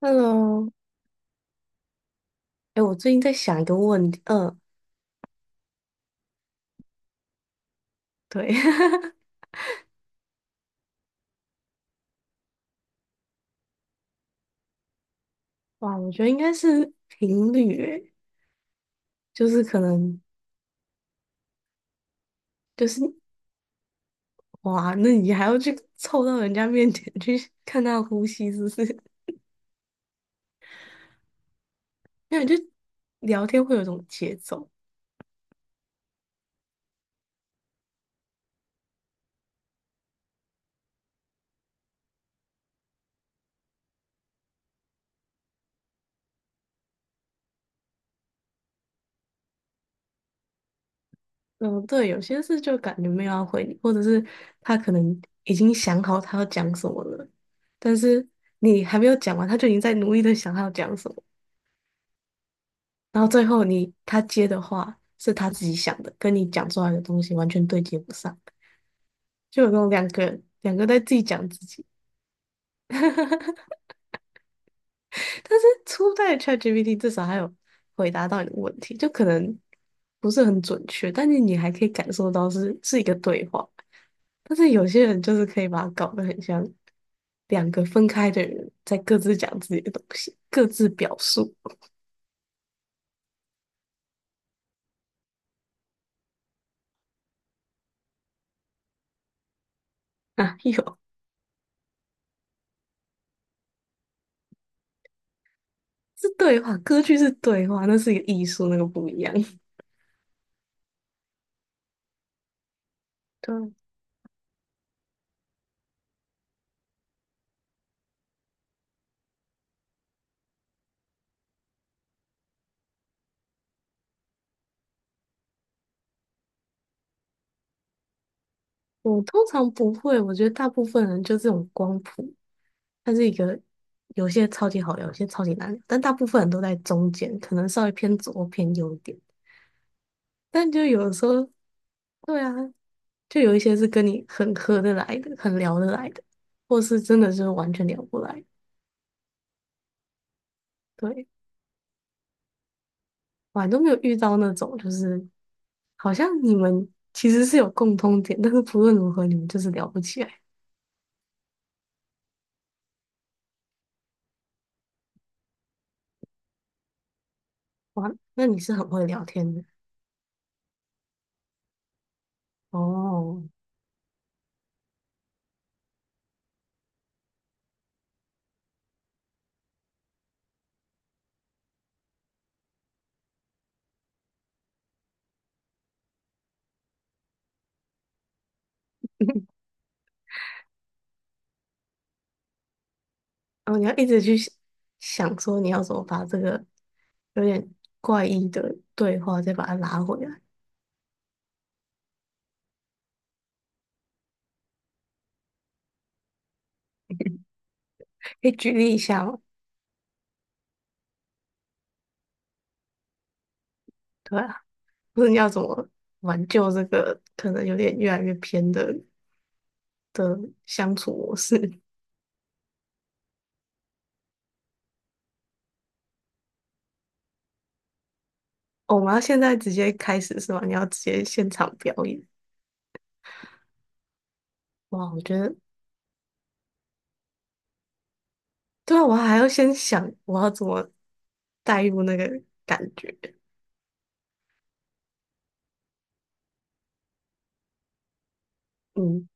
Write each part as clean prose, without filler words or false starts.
Hello，哎，我最近在想一个问题，嗯，对，哇，我觉得应该是频率，哎，就是可能就是哇，那你还要去凑到人家面前去看他的呼吸，是不是？因为就聊天会有一种节奏。嗯，对，有些事就感觉没有要回你，或者是他可能已经想好他要讲什么了，但是你还没有讲完，他就已经在努力的想他要讲什么。然后最后你他接的话是他自己想的，跟你讲出来的东西完全对接不上，就有那种两个在自己讲自己。但是初代的 ChatGPT 至少还有回答到你的问题，就可能不是很准确，但是你还可以感受到是一个对话。但是有些人就是可以把它搞得很像两个分开的人在各自讲自己的东西，各自表述。啊，有，是对话，歌剧是对话，那是一个艺术，那个不一样。对，我通常不会，我觉得大部分人就这种光谱，它是一个有些超级好聊，有些超级难聊，但大部分人都在中间，可能稍微偏左或偏右一点。但就有的时候，对啊，就有一些是跟你很合得来的，很聊得来的，或是真的是完全聊不来。对，我还都没有遇到那种，就是好像你们其实是有共通点，但是不论如何你们就是聊不起来。哇，那你是很会聊天的哦。哦，你要一直去想想说你要怎么把这个有点怪异的对话再把它拉回来，可以举例一下吗？对啊，或者你要怎么挽救这个可能有点越来越偏的的相处模式？哦，我们要现在直接开始是吗？你要直接现场表演？哇，我觉得对啊，我还要先想我要怎么带入那个感觉。嗯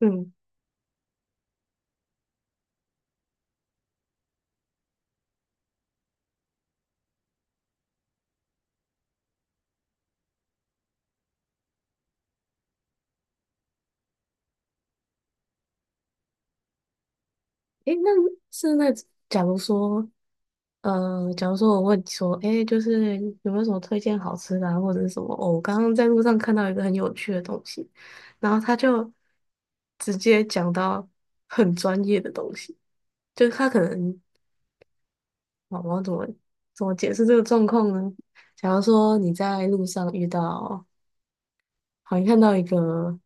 嗯，诶，那是那假如说，假如说我问你说，诶，就是有没有什么推荐好吃的啊，或者是什么？哦我刚刚在路上看到一个很有趣的东西，然后他就直接讲到很专业的东西，就是他可能，我要怎么怎么解释这个状况呢？假如说你在路上遇到，好，像看到一个。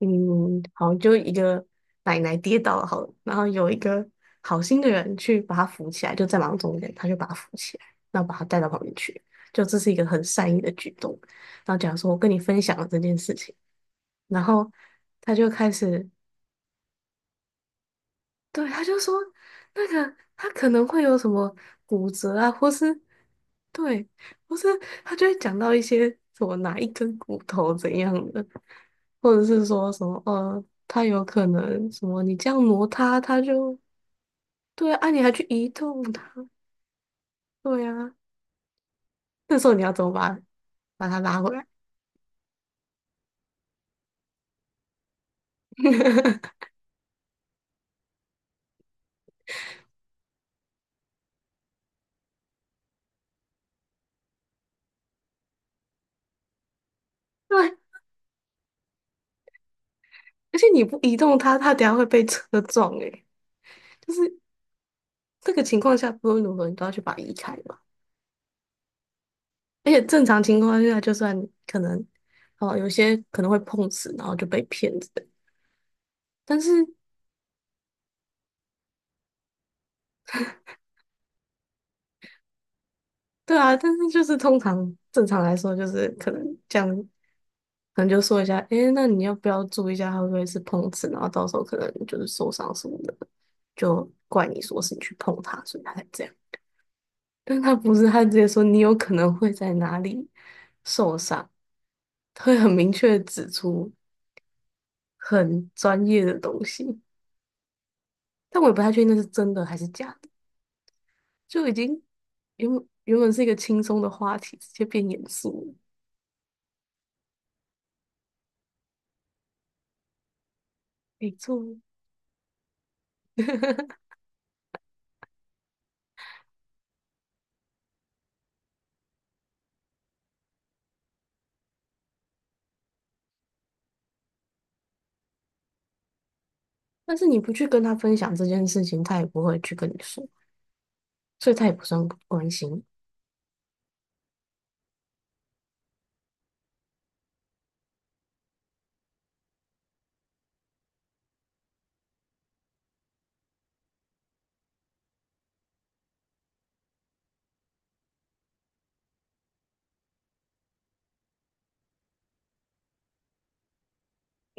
嗯，好，就一个奶奶跌倒了，好了然后有一个好心的人去把她扶起来，就在马路中间，他就把她扶起来，然后把她带到旁边去，就这是一个很善意的举动。然后假如说，我跟你分享了这件事情，然后他就开始对，他就说那个他可能会有什么骨折啊，或是对，或是他就会讲到一些什么哪一根骨头怎样的，或者是说什么他有可能什么你这样挪他，他就对啊，啊你还去移动他，对啊，那时候你要怎么把把他拉回来？对，而且你不移动他，他等下会被车撞诶、就是这个情况下，不论如何你都要去把他移开嘛。而且正常情况下，就算可能，哦，有些可能会碰瓷，然后就被骗之类但是，对啊，但是就是通常正常来说，就是可能这样，可能就说一下，诶，那你要不要注意一下，他会不会是碰瓷？然后到时候可能就是受伤什么的，就怪你说是你去碰他，所以他才这样。但他不是，他直接说你有可能会在哪里受伤，他会很明确的指出很专业的东西。但我也不太确定那是真的还是假的，就已经原本是一个轻松的话题，直接变严肃了。没错，但是你不去跟他分享这件事情，他也不会去跟你说，所以他也不算不关心。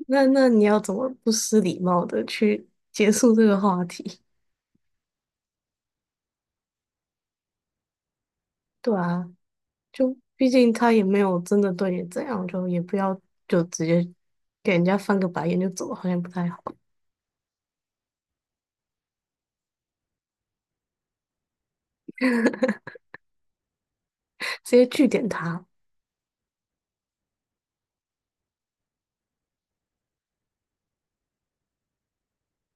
那那你要怎么不失礼貌的去结束这个话题？对啊，就毕竟他也没有真的对你怎样，就也不要就直接给人家翻个白眼就走，好像不太好，直接拒点他。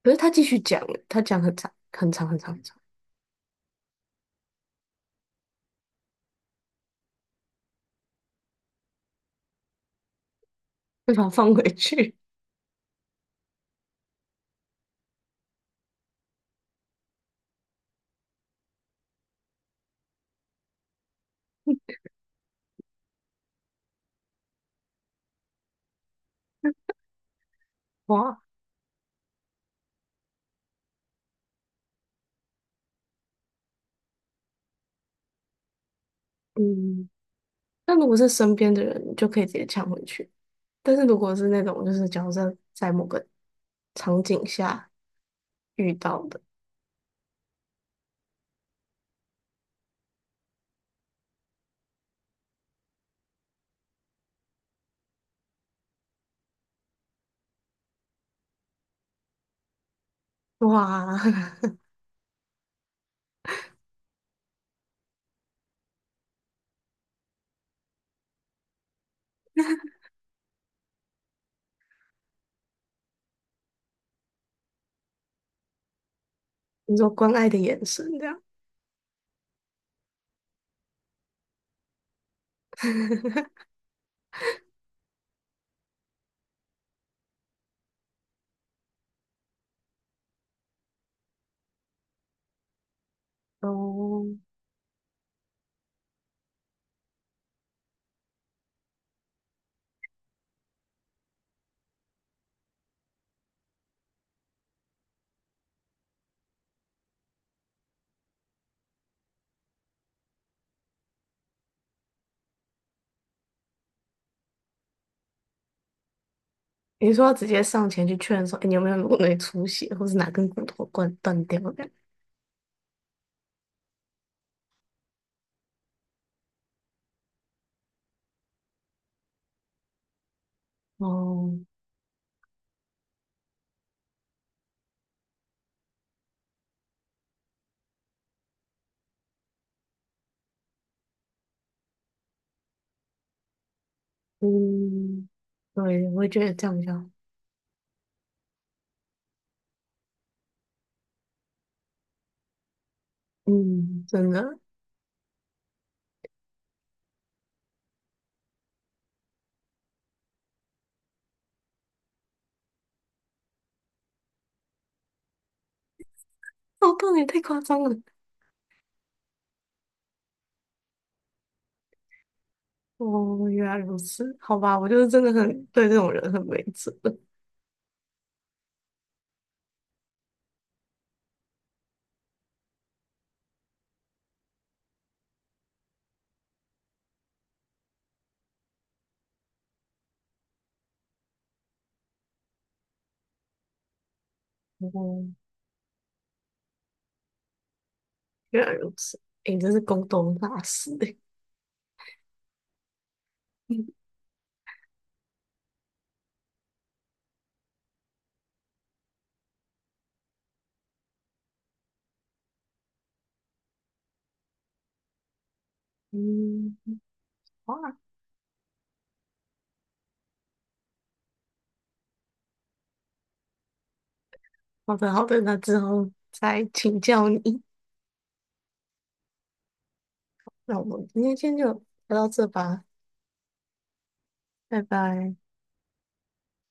可是他继续讲，他讲很长很长很长很长。会把它放回去。哇，嗯，那如果是身边的人，你就可以直接抢回去。但是如果是那种就是假设在某个场景下遇到的，哇，你说关爱的眼神这样，哦，你说要直接上前去劝说，哎、你有没有颅内出血，或是哪根骨头断掉的？哦，嗯，对，我也觉得这样比较好，嗯，真的，哦，不你太夸张了，哦，原来如此，好吧，我就是真的很对这种人很没辙。哦，原来如此，诶，你真是沟通大师诶。嗯，好啊，好的好的，那之后再请教你。那我们今天先就聊到这吧，拜拜。